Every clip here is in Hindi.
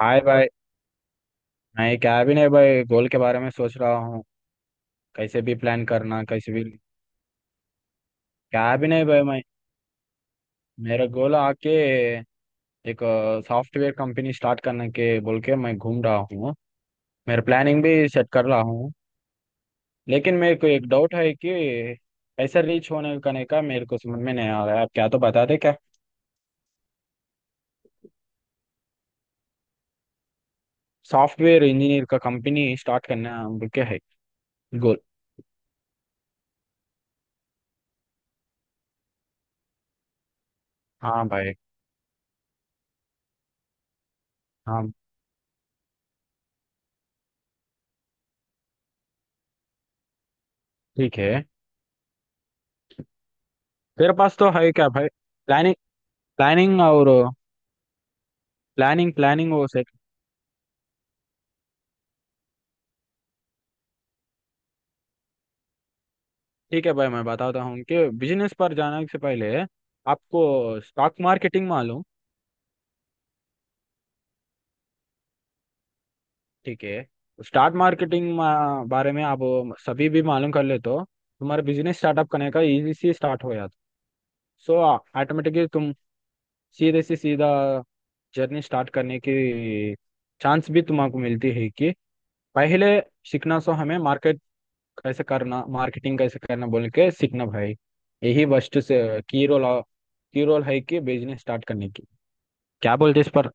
हाय भाई। नहीं क्या भी नहीं भाई, गोल के बारे में सोच रहा हूँ। कैसे भी प्लान करना, कैसे भी। क्या भी नहीं भाई, मैं मेरा गोल आके एक सॉफ्टवेयर कंपनी स्टार्ट करने के बोल के मैं घूम रहा हूँ। मेरा प्लानिंग भी सेट कर रहा हूँ। लेकिन मेरे को एक डाउट है कि कैसे रीच होने करने का मेरे को समझ में नहीं आ रहा है। आप क्या तो बता दे क्या। सॉफ्टवेयर इंजीनियर का कंपनी स्टार्ट करना बोल के है गोल। हाँ भाई, हाँ ठीक है, तेरे पास तो है क्या भाई प्लानिंग? प्लानिंग और प्लानिंग। प्लानिंग वो से ठीक है भाई, मैं बताता हूँ कि बिजनेस पर जाने से पहले आपको स्टॉक मार्केटिंग मालूम। ठीक है। स्टॉक मार्केटिंग बारे में आप सभी भी मालूम कर ले तो तुम्हारा बिजनेस स्टार्टअप करने का इजी से स्टार्ट हो जाता। सो ऑटोमेटिकली तुम सीधे से सीधा जर्नी स्टार्ट करने की चांस भी तुमको मिलती है कि पहले सीखना। सो हमें मार्केट कैसे करना, मार्केटिंग कैसे करना बोल के सीखना भाई। यही फर्स्ट से की रोल की रोल है कि बिजनेस स्टार्ट करने की। क्या बोलते इस पर?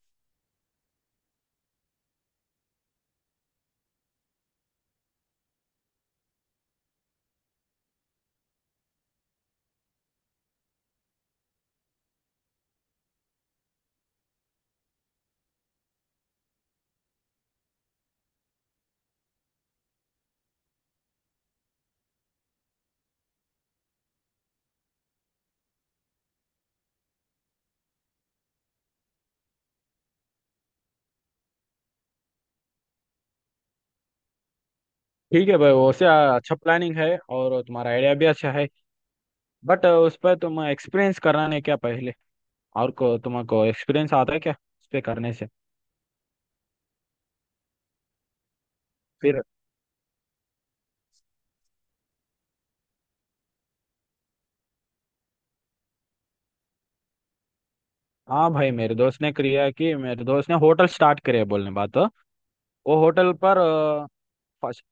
ठीक है भाई, वैसे अच्छा प्लानिंग है और तुम्हारा आइडिया भी अच्छा है। बट उस पर तुम एक्सपीरियंस कराने क्या पहले? और को तुमको एक्सपीरियंस आता है क्या उस पे करने से? फिर हाँ भाई, मेरे दोस्त ने किया कि मेरे दोस्त ने होटल स्टार्ट करे बोलने बात। वो होटल पर फर्स्ट,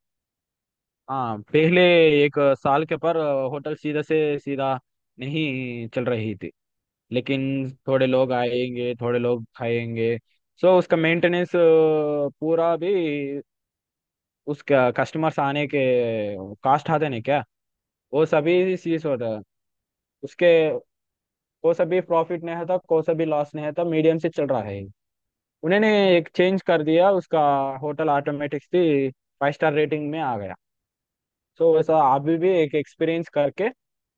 हाँ पहले 1 साल के पर होटल सीधा से सीधा नहीं चल रही थी। लेकिन थोड़े लोग आएंगे, थोड़े लोग खाएंगे। सो उसका मेंटेनेंस पूरा भी, उसका कस्टमर्स आने के कास्ट आते नहीं क्या, वो सभी चीज होता है। उसके को सभी प्रॉफिट नहीं है था, को सभी लॉस नहीं है था, मीडियम से चल रहा है। उन्होंने एक चेंज कर दिया उसका। होटल ऑटोमेटिक से 5 स्टार रेटिंग में आ गया। सो वैसा अभी भी एक एक्सपीरियंस करके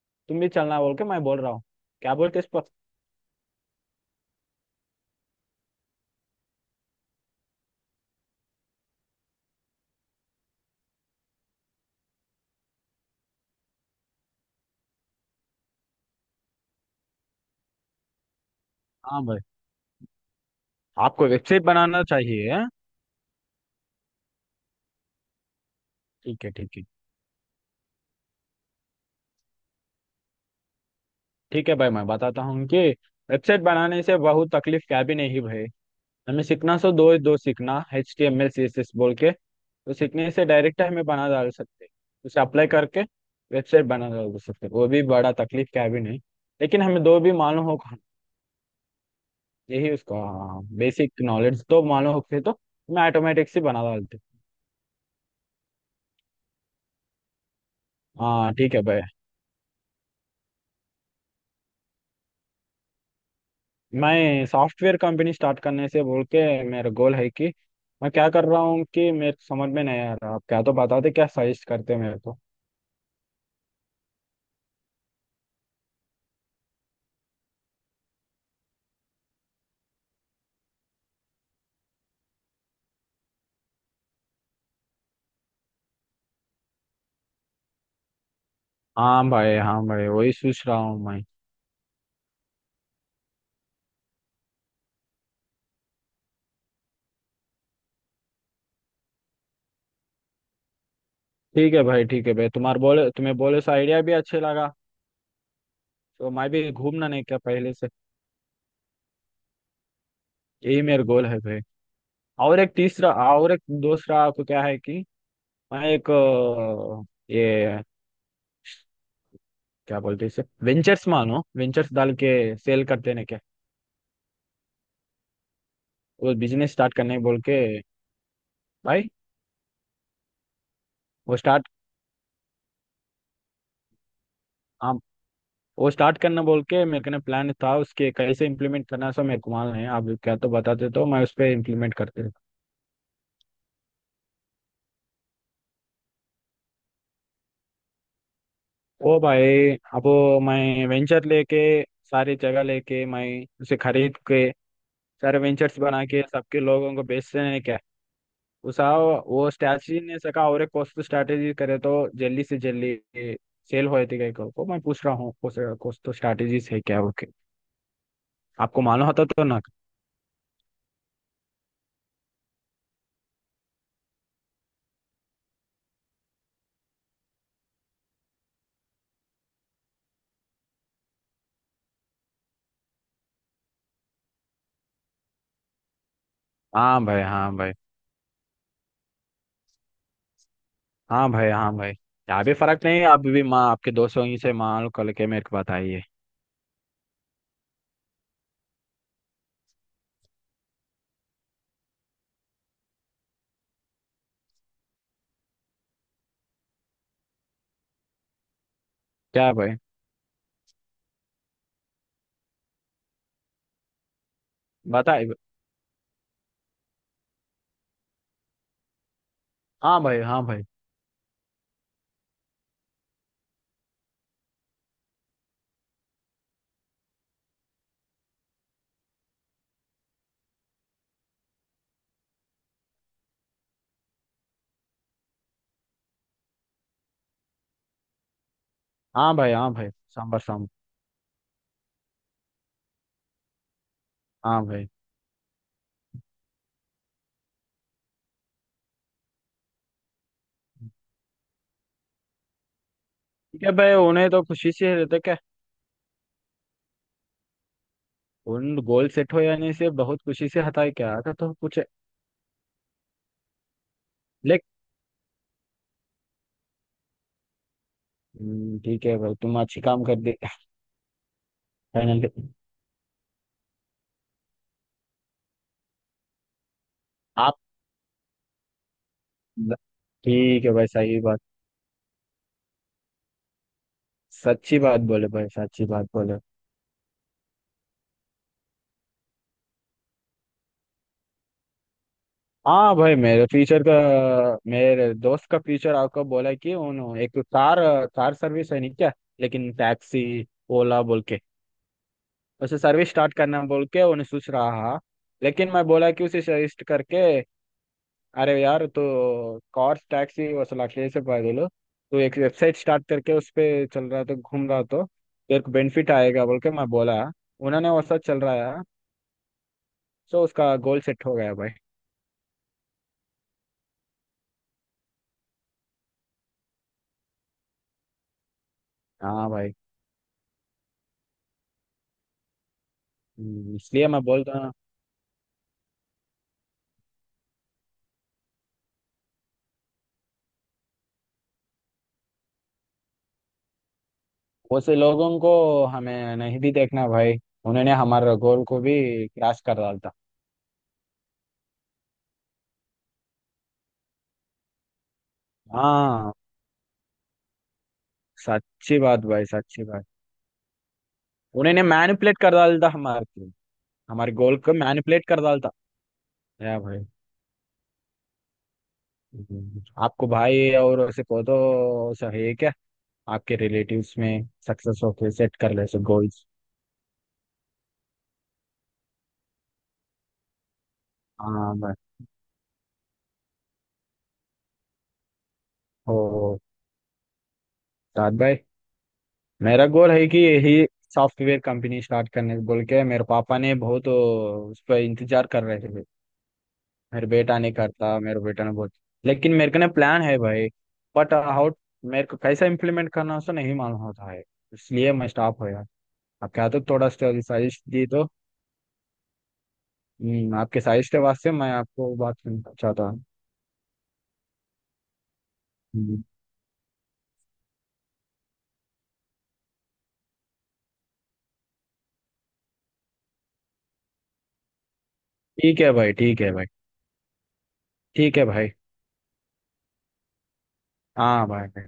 तुम भी चलना बोल के मैं बोल रहा हूँ। क्या बोलते इस पर? हाँ भाई, आपको वेबसाइट बनाना चाहिए हाँ? ठीक है, ठीक है। ठीक है भाई, मैं बताता हूँ कि वेबसाइट बनाने से बहुत तकलीफ क्या भी नहीं भाई। हमें सीखना, सो दो दो सीखना HTML CSS बोल के तो सीखने से डायरेक्ट हमें बना डाल सकते हैं। उसे अप्लाई करके वेबसाइट बना डाल सकते हैं। वो भी बड़ा तकलीफ क्या भी नहीं। लेकिन हमें दो भी मालूम हो, यही उसका बेसिक नॉलेज तो मालूम हो के तो मैं ऑटोमेटिक से बना डालते। हाँ ठीक है भाई, मैं सॉफ्टवेयर कंपनी स्टार्ट करने से बोल के मेरा गोल है कि मैं क्या कर रहा हूँ कि मेरे को समझ में नहीं आ रहा। आप क्या तो बताते, क्या सजेस्ट करते मेरे को? हाँ भाई, हाँ भाई, वही सोच रहा हूँ मैं। ठीक है भाई, ठीक है भाई, तुम्हारे बोले, तुम्हें बोले से आइडिया भी अच्छे लगा, तो मैं भी घूमना नहीं क्या पहले से। यही मेरा गोल है भाई। और एक तीसरा और एक दूसरा आपको क्या है कि मैं एक ये क्या बोलते हैं इसे वेंचर्स, मानो वेंचर्स डाल के सेल करते हैं क्या, वो बिजनेस स्टार्ट करने बोल के भाई। वो स्टार्ट, हाँ वो स्टार्ट करना बोल के मेरे को ना प्लान था उसके। कैसे इम्प्लीमेंट करना सो मेरे को मालूम है। आप क्या तो बताते तो मैं उस पर इम्प्लीमेंट करते। ओ भाई, अब मैं वेंचर लेके, सारी जगह लेके, मैं उसे खरीद के सारे वेंचर्स बना के सबके लोगों को बेचते हैं क्या। उसा वो स्ट्रैटेजी ने सका और एक कॉस्ट स्ट्रैटेजी करे तो जल्दी से जल्दी सेल हो जाती। को मैं पूछ रहा हूँ कॉस्ट स्ट्रैटेजीज है क्या ओके? आपको मालूम होता तो ना? हाँ भाई, हाँ भाई। हाँ भाई, हाँ भाई, यहाँ भी फर्क नहीं है। आप भी माँ आपके दोस्तों ही से मान लो, कल के मेरे को बताइए। क्या भाई, बताइए। हाँ भाई, हाँ भाई। हाँ भाई, हाँ भाई। सांबर सांबर। हाँ भाई। ठीक है भाई, उन्हें तो खुशी से रहते क्या? उन गोल सेट हो यानी से बहुत खुशी से हटाए क्या था तो कुछ? लेक ठीक है भाई, तुम अच्छी काम कर दे। फाइनल आप। ठीक है भाई, सही बात। सच्ची बात बोले भाई, सच्ची बात बोले। हाँ भाई, मेरे फ्यूचर का, मेरे दोस्त का फ्यूचर आपको बोला कि उन्हों एक कार, कार सर्विस है नहीं क्या, लेकिन टैक्सी ओला बोल के उसे सर्विस स्टार्ट करना बोल के उन्हें सोच रहा। लेकिन मैं बोला कि उसे सजेस्ट करके, अरे यार तो कार टैक्सी वसल अकेले से पैदल तो एक वेबसाइट स्टार्ट करके उस पर चल रहा तो घूम रहा तो तेरे को बेनिफिट आएगा बोल के मैं बोला। उन्होंने वैसा चल रहा है। सो उसका गोल सेट हो गया भाई। हाँ भाई। इसलिए मैं बोलता वैसे लोगों को हमें नहीं भी देखना भाई। उन्होंने हमारे गोल को भी क्रैश कर डाला था। हाँ, सच्ची बात भाई, सच्ची बात। उन्होंने मैनिपुलेट कर डाला था हमारे को। हमारे गोल को मैनिपुलेट कर डाला था या भाई। हम्म। आपको भाई और ऐसे को तो सही है क्या? आपके रिलेटिव्स में सक्सेस होके सेट कर ले सो गोल्स। हाँ भाई, ओ साथ भाई, मेरा गोल है कि यही सॉफ्टवेयर कंपनी स्टार्ट करने बोल के मेरे पापा ने बहुत उस पर इंतजार कर रहे थे। मेरे बेटा नहीं करता मेरे बेटा ने बहुत। लेकिन मेरे को ना प्लान है भाई। बट हाउ, मेरे को कैसा इम्प्लीमेंट करना है उसको नहीं मालूम होता है। इसलिए मैं स्टॉप हो गया। आप क्या तो थोड़ा साजिश दी तो। आपके साजिश के वास्ते मैं आपको बात करना चाहता हूँ। हम्म। ठीक है भाई, ठीक है भाई, ठीक है भाई। हाँ भाई।